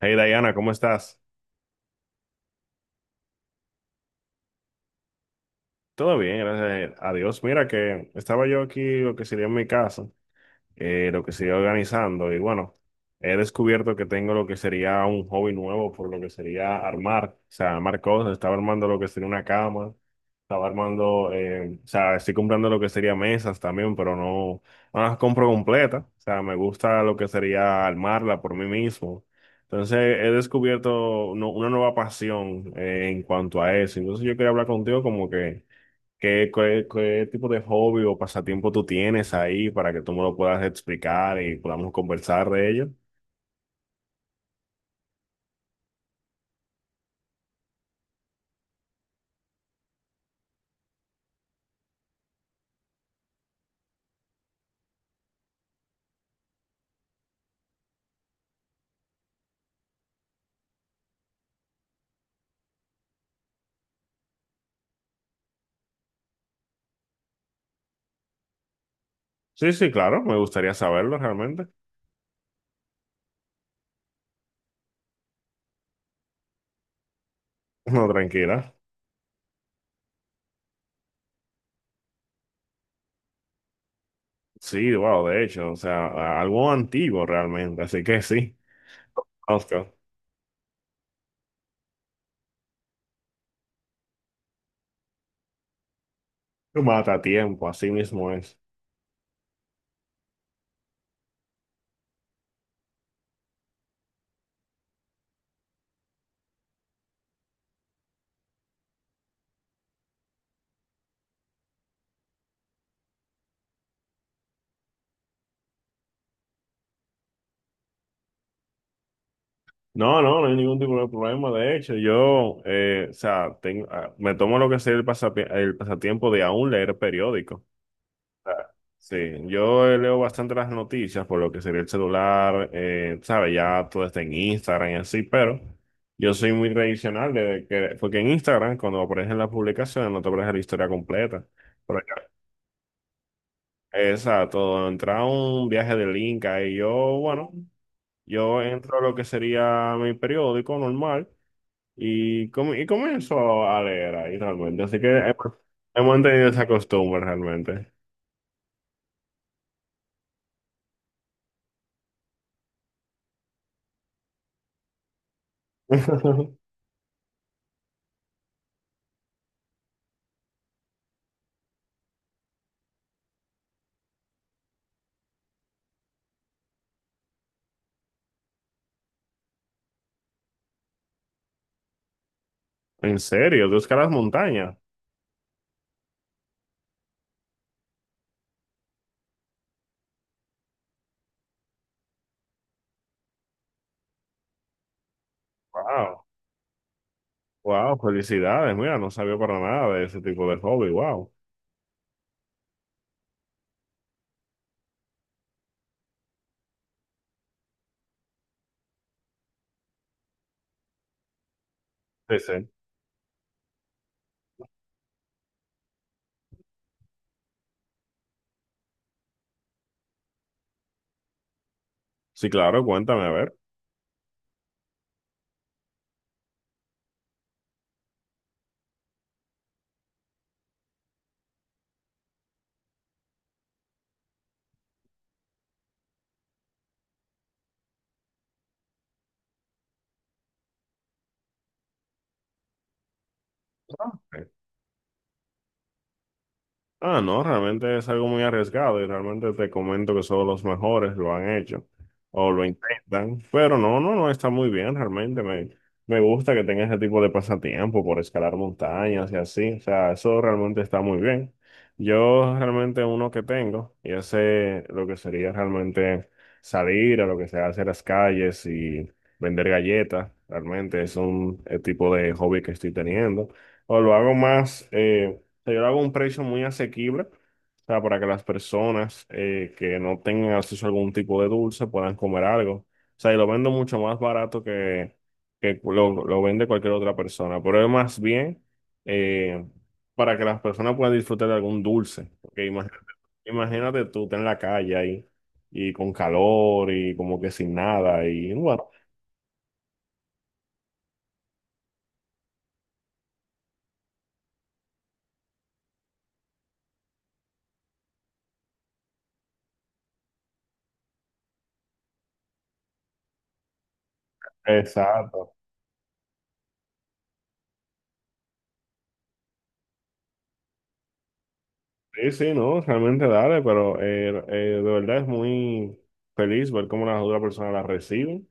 Hey Diana, ¿cómo estás? Todo bien, gracias a Dios. Mira que estaba yo aquí, lo que sería en mi casa, lo que se iba organizando. Y bueno, he descubierto que tengo lo que sería un hobby nuevo por lo que sería armar, o sea, armar cosas. Estaba armando lo que sería una cama, estaba armando, o sea, estoy comprando lo que sería mesas también, pero no las compro completas. O sea, me gusta lo que sería armarla por mí mismo. Entonces he descubierto una nueva pasión en cuanto a eso. Entonces yo quería hablar contigo como que ¿Qué tipo de hobby o pasatiempo tú tienes ahí para que tú me lo puedas explicar y podamos conversar de ello? Sí, sí, claro, me gustaría saberlo realmente. No, tranquila. Sí, wow, de hecho, o sea, algo antiguo realmente, así que sí, Oscar. Tú mata tiempo, así mismo es. No, no, no hay ningún tipo de problema. De hecho, yo, o sea, tengo, ah, me tomo lo que sea el, el pasatiempo de aún leer periódicos. Ah, sí, yo leo bastante las noticias por lo que sería el celular, sabes, ya todo está en Instagram y así, pero yo soy muy tradicional de que, porque en Instagram cuando aparecen las publicaciones no te aparece la historia completa. Por acá. Exacto, entra un viaje de link y yo, bueno, yo entro a lo que sería mi periódico normal y, y comienzo a leer ahí realmente, así que hemos tenido esa costumbre realmente. ¿En serio? ¿Tú escalas montañas? Wow, wow, felicidades. Mira, no sabía para nada de ese tipo de hobby. Wow. Sí, sí. Sí, claro, cuéntame, a ver. Ah, ok. Ah, no, realmente es algo muy arriesgado y realmente te comento que solo los mejores lo han hecho o lo intentan, pero no está muy bien realmente. Me gusta que tenga ese tipo de pasatiempo por escalar montañas y así, o sea, eso realmente está muy bien. Yo realmente uno que tengo y ese lo que sería realmente salir a lo que se hace en las calles y vender galletas, realmente es un tipo de hobby que estoy teniendo o lo hago más. O sea, yo lo hago a un precio muy asequible, o sea, para que las personas que no tengan acceso a algún tipo de dulce puedan comer algo. O sea, y lo vendo mucho más barato que, lo vende cualquier otra persona. Pero es más bien eh, para que las personas puedan disfrutar de algún dulce. Porque imagínate, imagínate tú, estás en la calle ahí, y con calor, y como que sin nada, y bueno, exacto. Sí, sí, no, realmente dale, pero de verdad es muy feliz ver cómo las otras personas las reciben.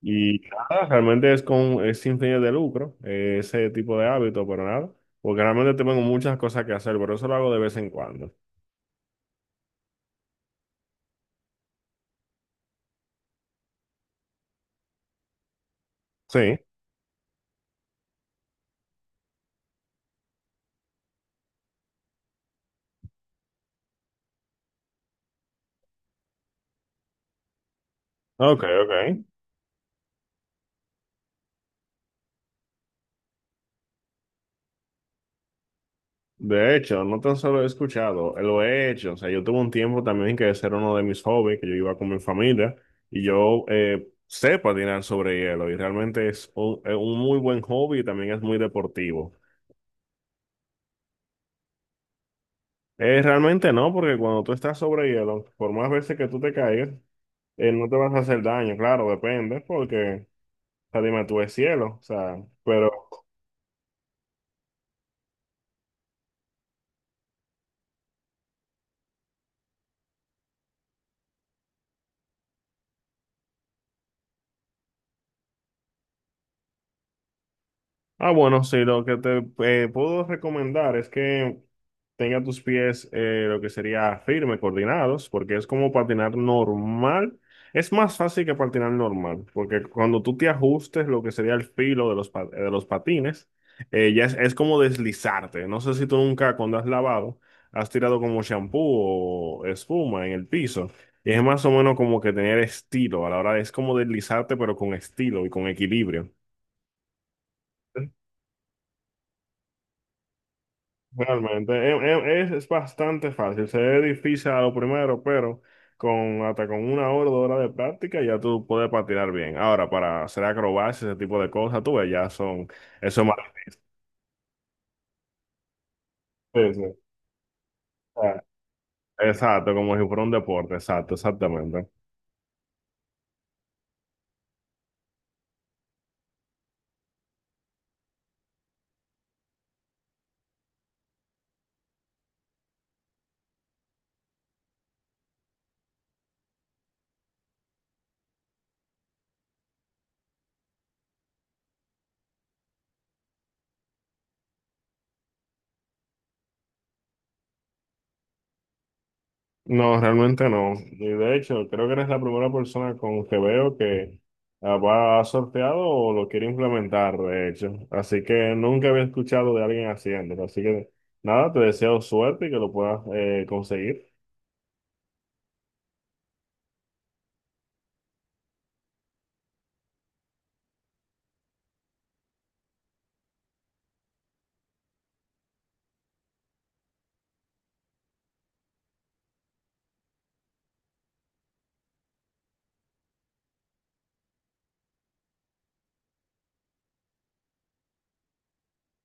Y nada, realmente es sin fines de lucro, ese tipo de hábito, pero nada, porque realmente tengo muchas cosas que hacer, pero eso lo hago de vez en cuando. Sí, ok, ok. De hecho, no tan solo he escuchado, lo he hecho. O sea, yo tuve un tiempo también que ese era uno de mis hobbies, que yo iba con mi familia y yo sé patinar sobre hielo y realmente es un muy buen hobby y también es muy deportivo. Realmente no, porque cuando tú estás sobre hielo, por más veces que tú te caigas, no te vas a hacer daño, claro, depende, porque, o sea, dime, tú es cielo, o sea, pero ah, bueno, sí, lo que te puedo recomendar es que tenga tus pies lo que sería firme, coordinados, porque es como patinar normal. Es más fácil que patinar normal, porque cuando tú te ajustes lo que sería el filo de los, de los patines, ya es como deslizarte. No sé si tú nunca cuando has lavado has tirado como champú o espuma en el piso. Y es más o menos como que tener estilo a la hora de, es como deslizarte, pero con estilo y con equilibrio. Realmente, es bastante fácil, se ve difícil a lo primero, pero con hasta con una hora, dos horas de práctica ya tú puedes patinar bien. Ahora, para hacer acrobacias, ese tipo de cosas, tú ves, ya son, eso es más difícil. Ah, exacto, como si fuera un deporte, exacto, exactamente. No, realmente no. Y de hecho, creo que eres la primera persona con que veo que ah, va ha sorteado o lo quiere implementar, de hecho. Así que nunca había escuchado de alguien haciéndolo. Así que nada, te deseo suerte y que lo puedas conseguir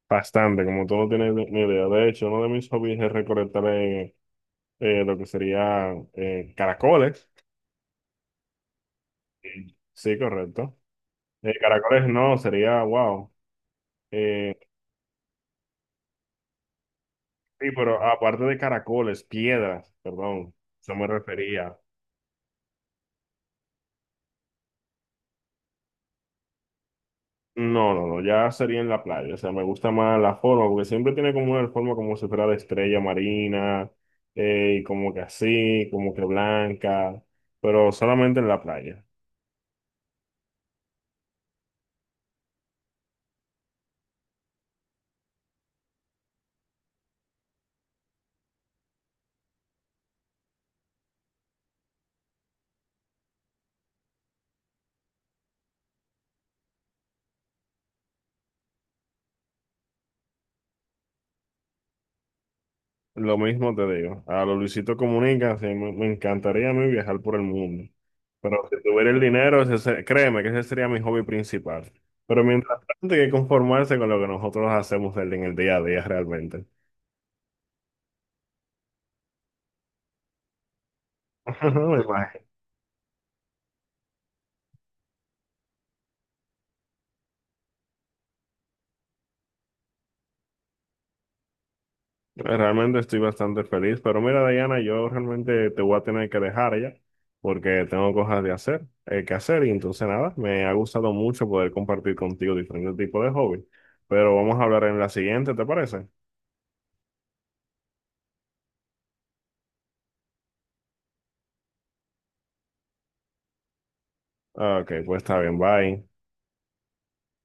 bastante, como tú no tienes ni idea. De hecho, uno de mis hobbies es recolectar lo que sería caracoles. Sí, correcto. Caracoles no, sería wow. Eh, sí, pero aparte de caracoles, piedras, perdón. Eso me refería. No, no, no, ya sería en la playa, o sea, me gusta más la forma, porque siempre tiene como una forma como si fuera de estrella marina, y como que así, como que blanca, pero solamente en la playa. Lo mismo te digo, a los Luisito Comunica, sí, me encantaría a mí viajar por el mundo, pero si tuviera el dinero, créeme que ese sería mi hobby principal, pero mientras tanto hay que conformarse con lo que nosotros hacemos en el día a día realmente. Me imagino. Realmente estoy bastante feliz, pero mira, Diana, yo realmente te voy a tener que dejar ya, porque tengo cosas de hacer, que hacer, y entonces nada, me ha gustado mucho poder compartir contigo diferentes tipos de hobbies, pero vamos a hablar en la siguiente, ¿te parece? Ah, ok, pues está bien, bye.